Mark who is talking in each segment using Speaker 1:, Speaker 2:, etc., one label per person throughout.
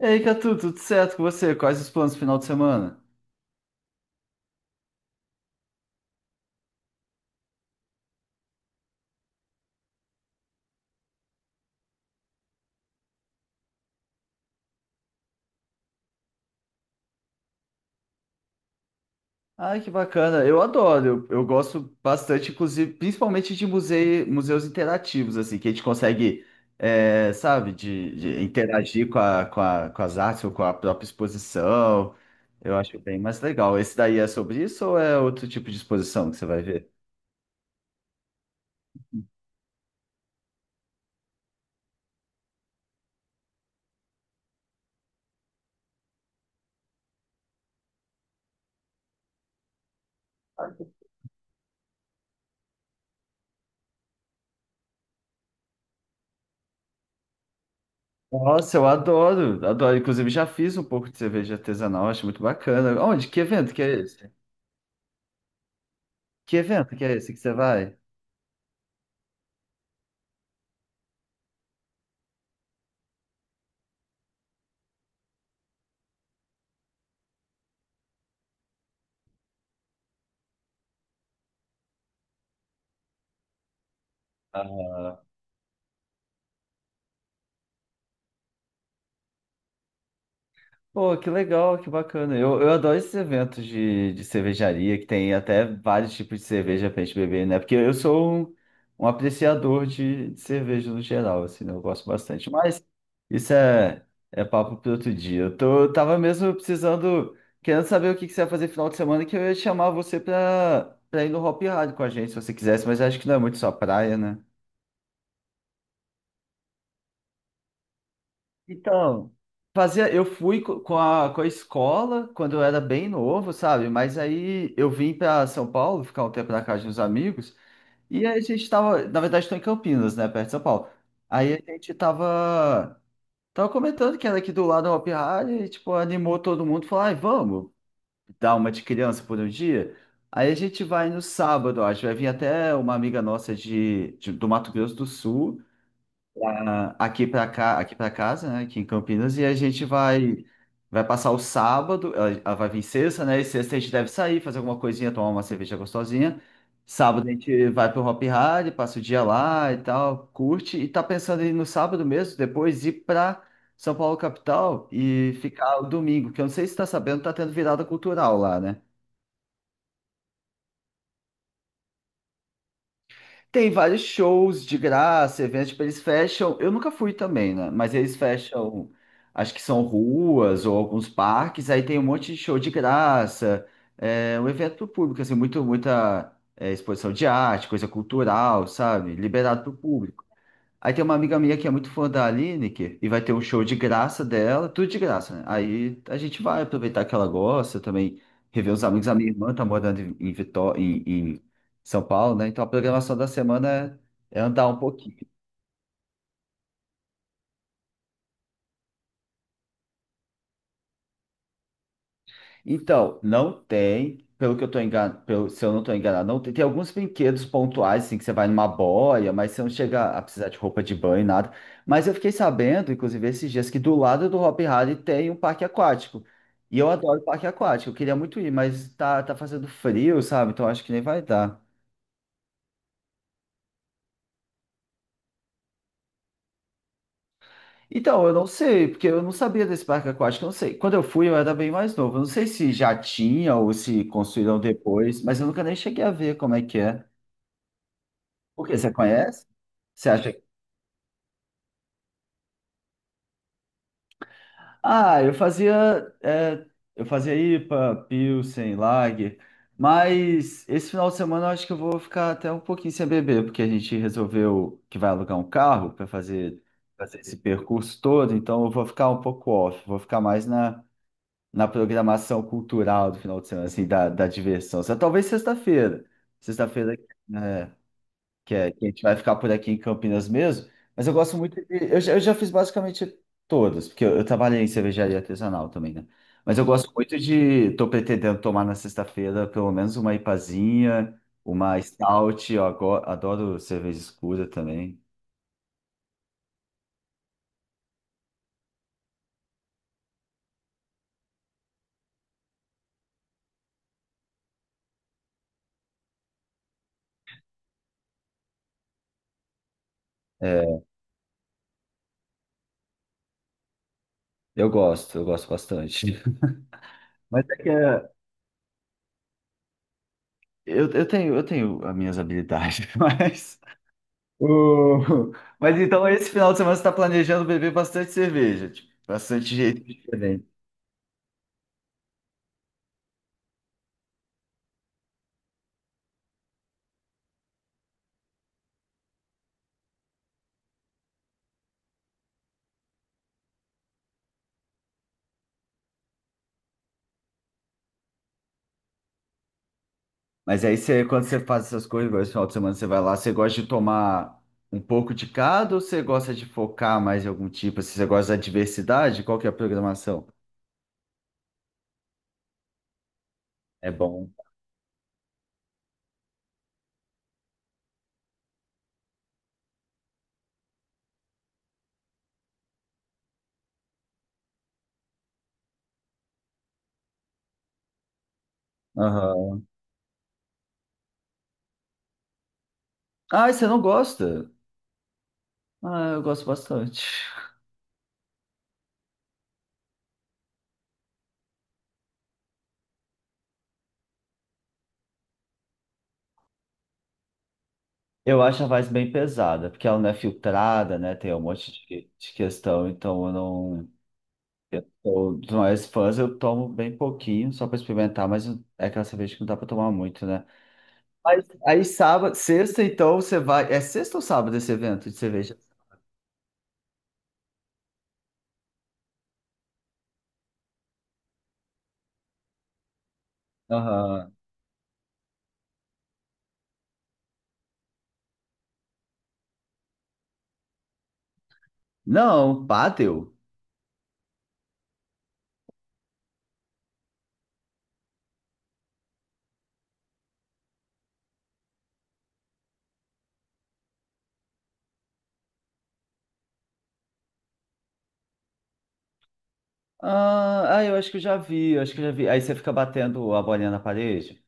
Speaker 1: E aí, Catu, tudo certo com você? Quais os planos pro final de semana? Ai, que bacana. Eu adoro. Eu gosto bastante, inclusive, principalmente de museus interativos, assim, que a gente consegue, de interagir com com as artes ou com a própria exposição. Eu acho bem mais legal. Esse daí é sobre isso ou é outro tipo de exposição que você vai ver? Nossa, eu adoro, adoro. Inclusive, já fiz um pouco de cerveja artesanal, acho muito bacana. Onde? Que evento que é esse? Que evento que é esse que você vai? Pô, que legal, que bacana. Eu adoro esses eventos de cervejaria, que tem até vários tipos de cerveja pra gente beber, né? Porque eu sou um, um apreciador de cerveja no geral, assim, né? Eu gosto bastante. Mas isso é, é papo para outro dia. Eu tava mesmo precisando, querendo saber o que, que você vai fazer final de semana, que eu ia chamar você pra, pra ir no Hop Hard com a gente, se você quisesse, mas acho que não é muito sua praia, né? Então, fazia, eu fui com com a escola quando eu era bem novo, sabe? Mas aí eu vim para São Paulo, ficar um tempo na casa de uns amigos, e aí a gente tava, na verdade, estou em Campinas, né, perto de São Paulo. Aí a gente tava, tava comentando que era aqui do lado da Hopi Hari, e, tipo, animou todo mundo, falou, ai, vamos dar uma de criança por um dia. Aí a gente vai no sábado, acho, vai vir até uma amiga nossa do Mato Grosso do Sul, ah, aqui para cá, aqui para casa, né, aqui em Campinas, e a gente vai passar o sábado, ela vai vir sexta, né, e sexta a gente deve sair, fazer alguma coisinha, tomar uma cerveja gostosinha. Sábado a gente vai pro Hop Hari, passa o dia lá e tal, curte, e tá pensando em ir no sábado mesmo, depois ir para São Paulo capital e ficar o domingo, que eu não sei se tá sabendo, tá tendo virada cultural lá, né? Tem vários shows de graça, eventos que eles fecham. Eu nunca fui também, né? Mas eles fecham, acho que são ruas ou alguns parques, aí tem um monte de show de graça. É um evento pro público, assim, muito, muita exposição de arte, coisa cultural, sabe? Liberado pro público. Aí tem uma amiga minha que é muito fã da Lineker e vai ter um show de graça dela, tudo de graça, né? Aí a gente vai aproveitar que ela gosta também, rever os amigos. A minha irmã tá morando em, Vitória, em São Paulo, né? Então a programação da semana é, é andar um pouquinho. Então, não tem, pelo que eu tô enganado, pelo, se eu não tô enganado, não tem, tem alguns brinquedos pontuais, assim, que você vai numa boia, mas você não chega a precisar de roupa de banho, nada. Mas eu fiquei sabendo, inclusive, esses dias, que do lado do Hopi Hari tem um parque aquático. E eu adoro parque aquático, eu queria muito ir, mas tá, tá fazendo frio, sabe? Então acho que nem vai dar. Então, eu não sei, porque eu não sabia desse parque aquático, eu não sei. Quando eu fui, eu era bem mais novo. Eu não sei se já tinha ou se construíram depois, mas eu nunca nem cheguei a ver como é que é. O quê? Você conhece? Você acha? Ah, eu fazia, é, eu fazia IPA, Pilsen, Lager, mas esse final de semana eu acho que eu vou ficar até um pouquinho sem beber, porque a gente resolveu que vai alugar um carro para fazer, fazer esse percurso todo, então eu vou ficar um pouco off, vou ficar mais na programação cultural do final de semana, assim, da, da diversão. Só talvez sexta-feira. Sexta-feira, é. Que, é, que a gente vai ficar por aqui em Campinas mesmo, mas eu gosto muito de, eu, eu já fiz basicamente todas, porque eu trabalhei em cervejaria artesanal também, né? Mas eu gosto muito de, tô pretendendo tomar na sexta-feira pelo menos uma ipazinha, uma stout, eu adoro cerveja escura também. É, eu gosto bastante. Mas é que é, eu, eu tenho as minhas habilidades, mas o- mas então esse final de semana você está planejando beber bastante cerveja, tipo, bastante jeito diferente. Mas aí você, quando você faz essas coisas, igual esse final de semana você vai lá, você gosta de tomar um pouco de cada ou você gosta de focar mais em algum tipo? Assim, você gosta da diversidade? Qual que é a programação? É bom. Aham. Ah, e você não gosta? Ah, eu gosto bastante. Eu acho a voz bem pesada, porque ela não é filtrada, né? Tem um monte de questão, então eu não. Eu, dos maiores fãs, eu tomo bem pouquinho, só para experimentar, mas é aquela cerveja que não dá para tomar muito, né? Aí, aí sábado, sexta, então você vai. É sexta ou sábado esse evento de cerveja? Aham. Não, bateu. Ah, ah, eu acho que eu já vi, eu acho que eu já vi. Aí você fica batendo a bolinha na parede?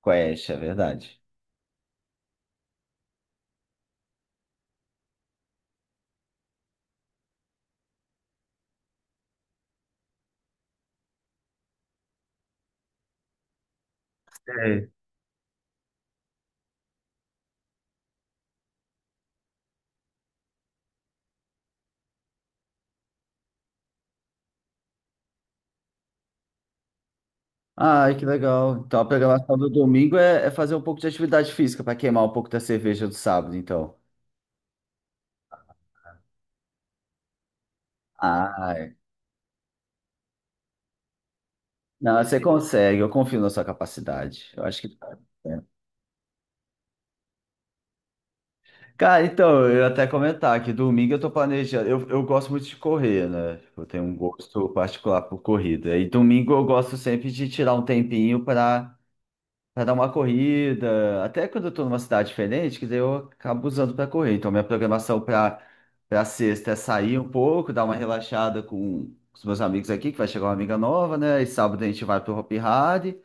Speaker 1: Quest, é verdade. É. Ai, que legal. Então a programação do domingo é, é fazer um pouco de atividade física para queimar um pouco da cerveja do sábado, então. Ah, não, você consegue, eu confio na sua capacidade. Eu acho que. Cara, então, eu ia até comentar que domingo eu tô planejando. Eu gosto muito de correr, né? Tipo, eu tenho um gosto particular por corrida. E domingo eu gosto sempre de tirar um tempinho para dar uma corrida. Até quando eu tô numa cidade diferente, que daí eu acabo usando para correr. Então, minha programação para sexta é sair um pouco, dar uma relaxada com os meus amigos aqui, que vai chegar uma amiga nova, né? E sábado a gente vai pro Hopi Hari.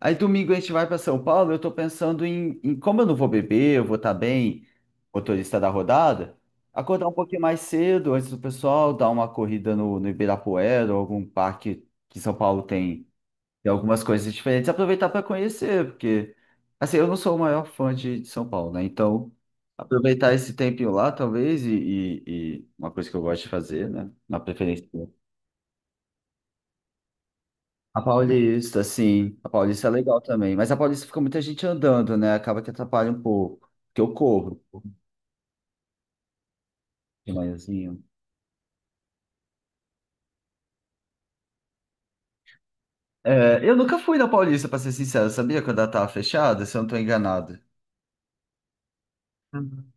Speaker 1: Aí domingo a gente vai para São Paulo. Eu tô pensando em, em como eu não vou beber, eu vou estar bem, motorista da rodada, acordar um pouquinho mais cedo antes do pessoal, dar uma corrida no, no Ibirapuera ou algum parque que São Paulo tem, tem algumas coisas diferentes, aproveitar para conhecer, porque assim, eu não sou o maior fã de São Paulo, né? Então, aproveitar esse tempinho lá, talvez, e uma coisa que eu gosto de fazer, né? Na preferência. A Paulista, sim. A Paulista é legal também. Mas a Paulista fica muita gente andando, né? Acaba que atrapalha um pouco. Porque eu corro um pouquinho maiorzinho. É, eu nunca fui na Paulista, pra ser sincero. Sabia quando ela tava fechada? Se eu não tô enganado. Uhum.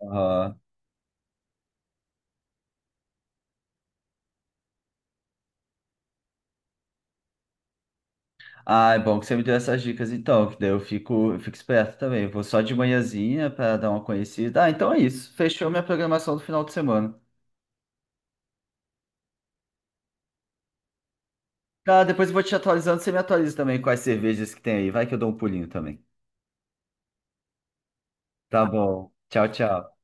Speaker 1: Aham. Ah, é bom que você me deu essas dicas então, que daí eu fico esperto também. Eu vou só de manhãzinha pra dar uma conhecida. Ah, então é isso. Fechou minha programação do final de semana. Tá, depois eu vou te atualizando. Você me atualiza também quais cervejas que tem aí. Vai que eu dou um pulinho também. Tá bom. Tchau, tchau.